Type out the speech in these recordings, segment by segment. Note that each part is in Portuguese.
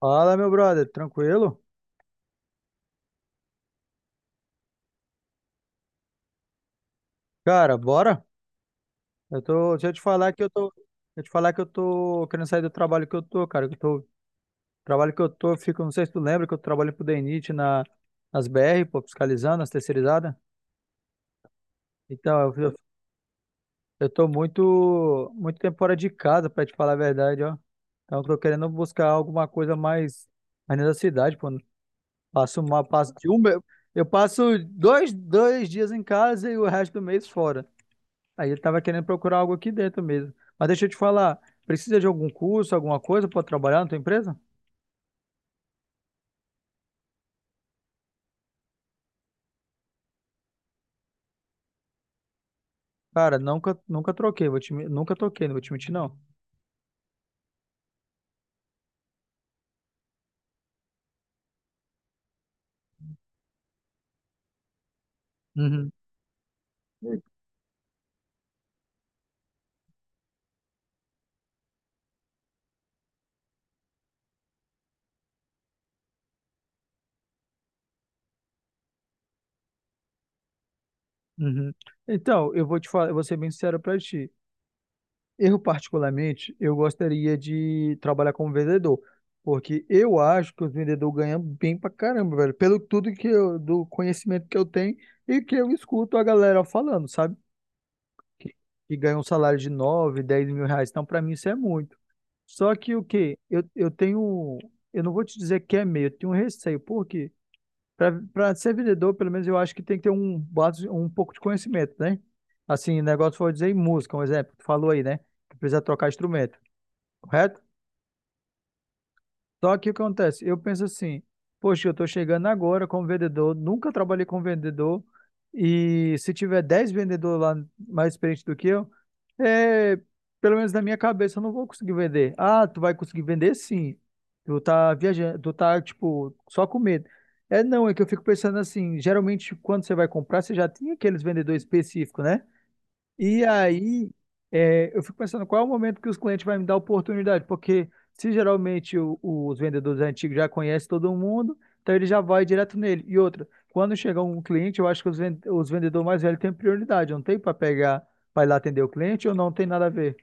Fala, meu brother, tranquilo? Cara, bora? Eu tô, deixa eu te falar que eu tô, deixa eu te falar que eu tô querendo sair do trabalho que eu tô, cara, que eu tô, trabalho que eu tô, Eu fico, não sei se tu lembra que eu trabalho pro DENIT na nas BR, pô, fiscalizando as terceirizadas. Então, eu tô muito muito tempo fora de casa, pra te falar a verdade, ó. Então, eu tô querendo buscar alguma coisa mais na cidade, pô. Passo uma, passo de um, me- Eu passo dois dias em casa e o resto do mês fora. Aí ele tava querendo procurar algo aqui dentro mesmo. Mas deixa eu te falar, precisa de algum curso, alguma coisa para trabalhar na tua empresa? Cara, nunca, nunca troquei, vou te, men- nunca troquei, não vou te mentir, não. Uhum. Uhum. Então, eu vou te falar, eu vou ser bem sincero para ti. Eu, particularmente, eu gostaria de trabalhar como vendedor, porque eu acho que os vendedores ganham bem pra caramba, velho, pelo tudo que eu, do conhecimento que eu tenho e que eu escuto a galera falando, sabe? Que, que ganham um salário de 9, 10 mil reais. Então, pra mim, isso é muito. Só que o quê? Eu tenho. Eu não vou te dizer que é medo, eu tenho um receio. Por quê? Para ser vendedor, pelo menos eu acho que tem que ter um pouco de conhecimento, né? Assim, negócio foi dizer em música, um exemplo, que tu falou aí, né? Que precisa trocar instrumento, correto? Só que o que acontece? Eu penso assim, poxa, eu estou chegando agora como vendedor, nunca trabalhei como vendedor, e se tiver 10 vendedores lá mais experientes do que eu, é, pelo menos na minha cabeça eu não vou conseguir vender. Ah, tu vai conseguir vender sim. Tu tá viajando, tu tá, tipo, só com medo. É não, é que eu fico pensando assim, geralmente quando você vai comprar, você já tem aqueles vendedores específicos, né? E aí, eu fico pensando qual é o momento que os clientes vão me dar oportunidade, porque se geralmente os vendedores antigos já conhecem todo mundo, então ele já vai direto nele. E outra, quando chegar um cliente, eu acho que os vendedores mais velhos têm prioridade, não tem para pegar, para ir lá atender o cliente ou não tem nada a ver.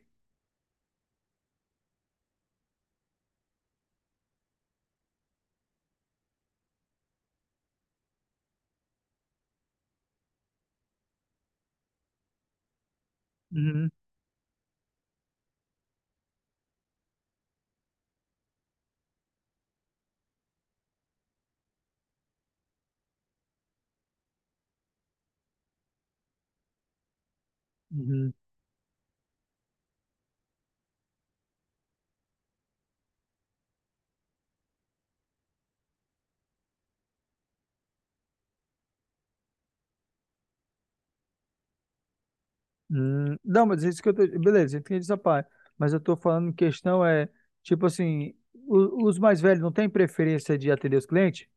Uhum, uhum, uhum. Não, mas isso que eu tô... Beleza, entendi essa parte. Mas eu tô falando em questão é, tipo assim, os mais velhos não têm preferência de atender os clientes?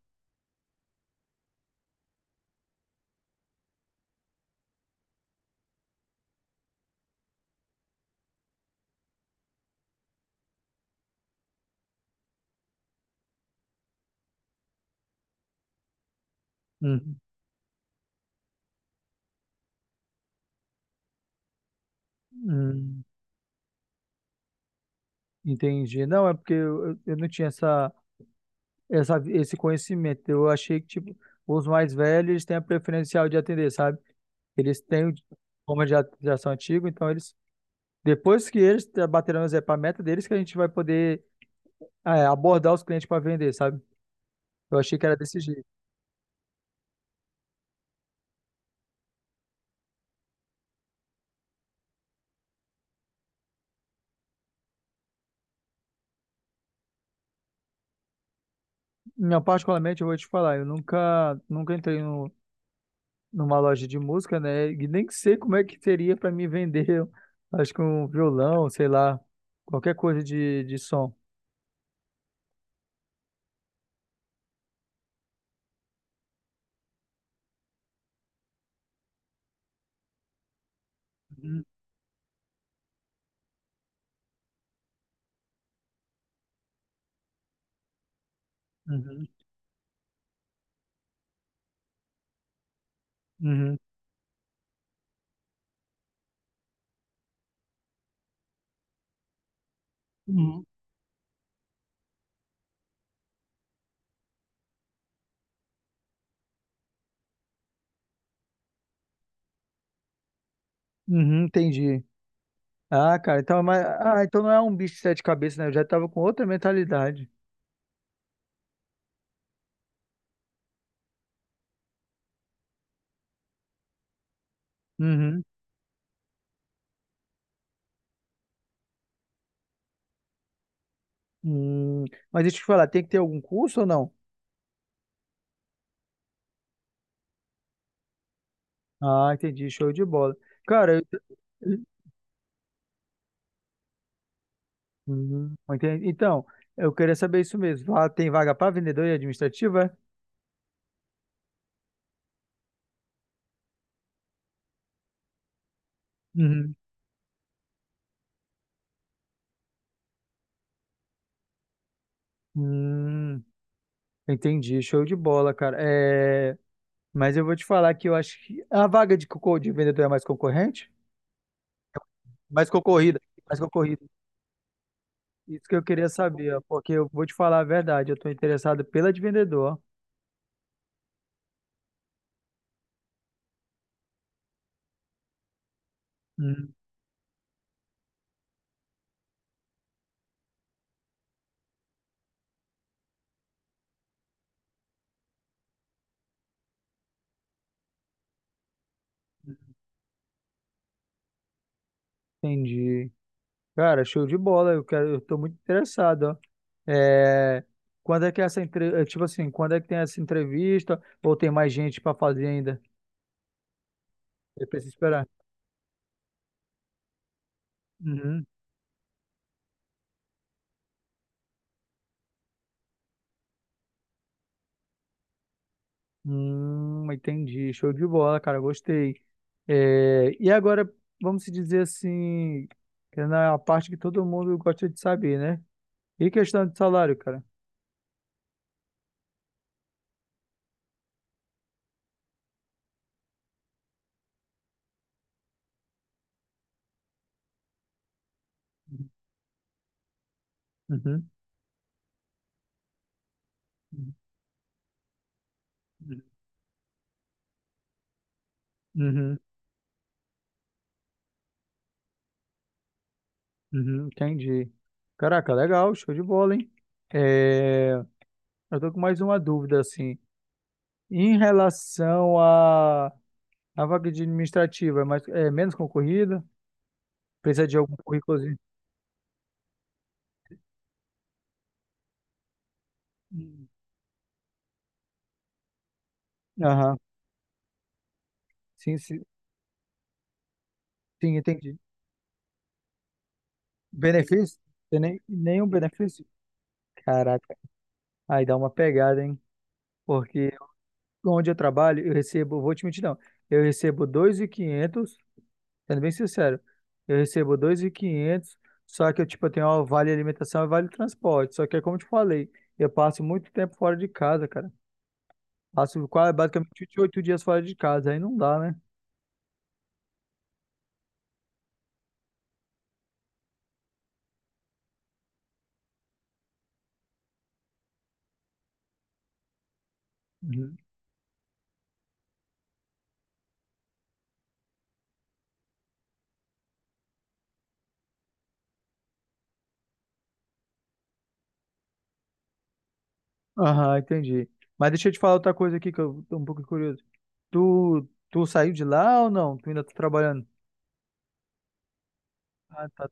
Uhum. Uhum. Entendi. Não, é porque eu não tinha esse conhecimento. Eu achei que, tipo, os mais velhos eles têm a preferencial de atender, sabe? Eles têm o diploma antigo, então eles, depois que eles baterão etapas, a meta deles, que a gente vai poder abordar os clientes para vender, sabe? Eu achei que era desse jeito. Não, particularmente, eu vou te falar, eu nunca, nunca entrei no, numa loja de música, né? E nem sei como é que seria para me vender, acho que um violão, sei lá, qualquer coisa de som. Uhum, uhum, uhum, uhum, entendi. Ah, cara, então, mas, ah, então não é um bicho de sete cabeças, né? Eu já tava com outra mentalidade. Uhum. Hum, mas deixa eu te falar, tem que ter algum curso ou não? Ah, entendi, show de bola. Cara, eu- uhum, entendi. Então, eu queria saber isso mesmo. Lá tem vaga para vendedor e administrativa? É? Uhum. Hum, entendi, show de bola, cara. É, mas eu vou te falar que eu acho que a vaga de vendedor é mais concorrente? Mais concorrida, mais concorrida. Isso que eu queria saber, ó, porque eu vou te falar a verdade, eu tô interessado pela de vendedor. Hum, entendi. Cara, show de bola, eu quero, eu tô muito interessado, ó. É, quando é que é essa entre... é, tipo assim, quando é que tem essa entrevista ou tem mais gente pra fazer ainda? Eu preciso esperar. Uhum. Entendi. Show de bola, cara, gostei. É, e agora, vamos se dizer assim, que é na parte que todo mundo gosta de saber, né? E questão de salário, cara? Uhum. Uhum. Uhum, uhum, entendi. Caraca, legal, show de bola, hein? É, eu tô com mais uma dúvida, assim. Em relação à vaga de administrativa, é, mais, é menos concorrida? Precisa de algum currículozinho? Hum. Aham, sim, sim, sim, entendi. Benefício? Tem nem, nenhum benefício? Caraca, aí dá uma pegada, hein? Porque onde eu trabalho, eu recebo, vou te mentir, não, eu recebo 2.500. Sendo bem sincero, eu recebo dois mil e quinhentos, só que eu, tipo, eu tenho ó, vale alimentação e vale transporte. Só que é como eu te falei, eu passo muito tempo fora de casa, cara. Passo quase, basicamente 28 dias fora de casa, aí não dá, né? Uhum. Aham, entendi. Mas deixa eu te falar outra coisa aqui que eu tô um pouco curioso. Tu saiu de lá ou não? Tu ainda tá trabalhando? Ah, tá.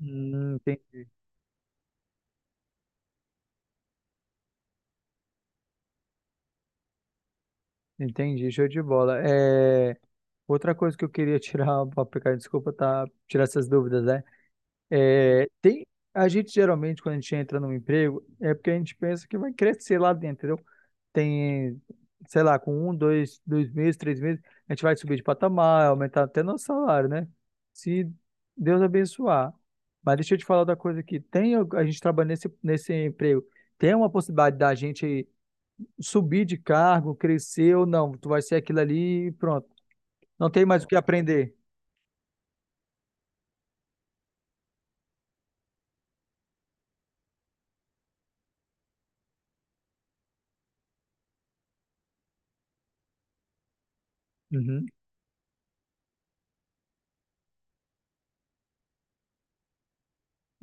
Hum, entendi, entendi, show de bola. É, outra coisa que eu queria tirar, pra pegar, desculpa, tá, tirar essas dúvidas, né? É, tem, a gente geralmente, quando a gente entra num emprego, é porque a gente pensa que vai crescer lá dentro, entendeu? Tem, sei lá, com um, dois meses, três meses, a gente vai subir de patamar, aumentar até nosso salário, né? Se Deus abençoar. Mas deixa eu te falar outra coisa aqui. A gente trabalha nesse emprego, tem uma possibilidade da gente subir de cargo, crescer ou não. Tu vai ser aquilo ali e pronto. Não tem mais o que aprender. Uhum.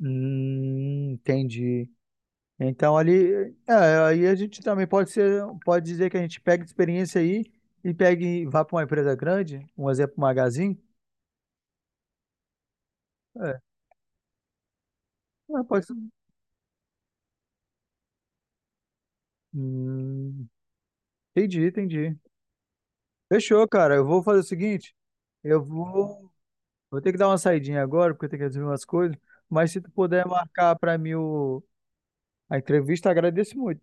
Entendi. Então ali, aí a gente também pode ser, pode dizer que a gente pega experiência aí e pega e vá para uma empresa grande, um exemplo, Magazine. É, é, pode ser. Hum, entendi. Fechou, cara. Eu vou fazer o seguinte, eu vou, vou ter que dar uma saidinha agora porque eu tenho que resolver umas coisas, mas se tu puder marcar para mim a entrevista, agradeço muito.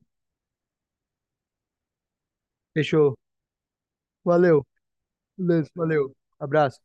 Fechou. Valeu. Beleza, valeu. Abraço.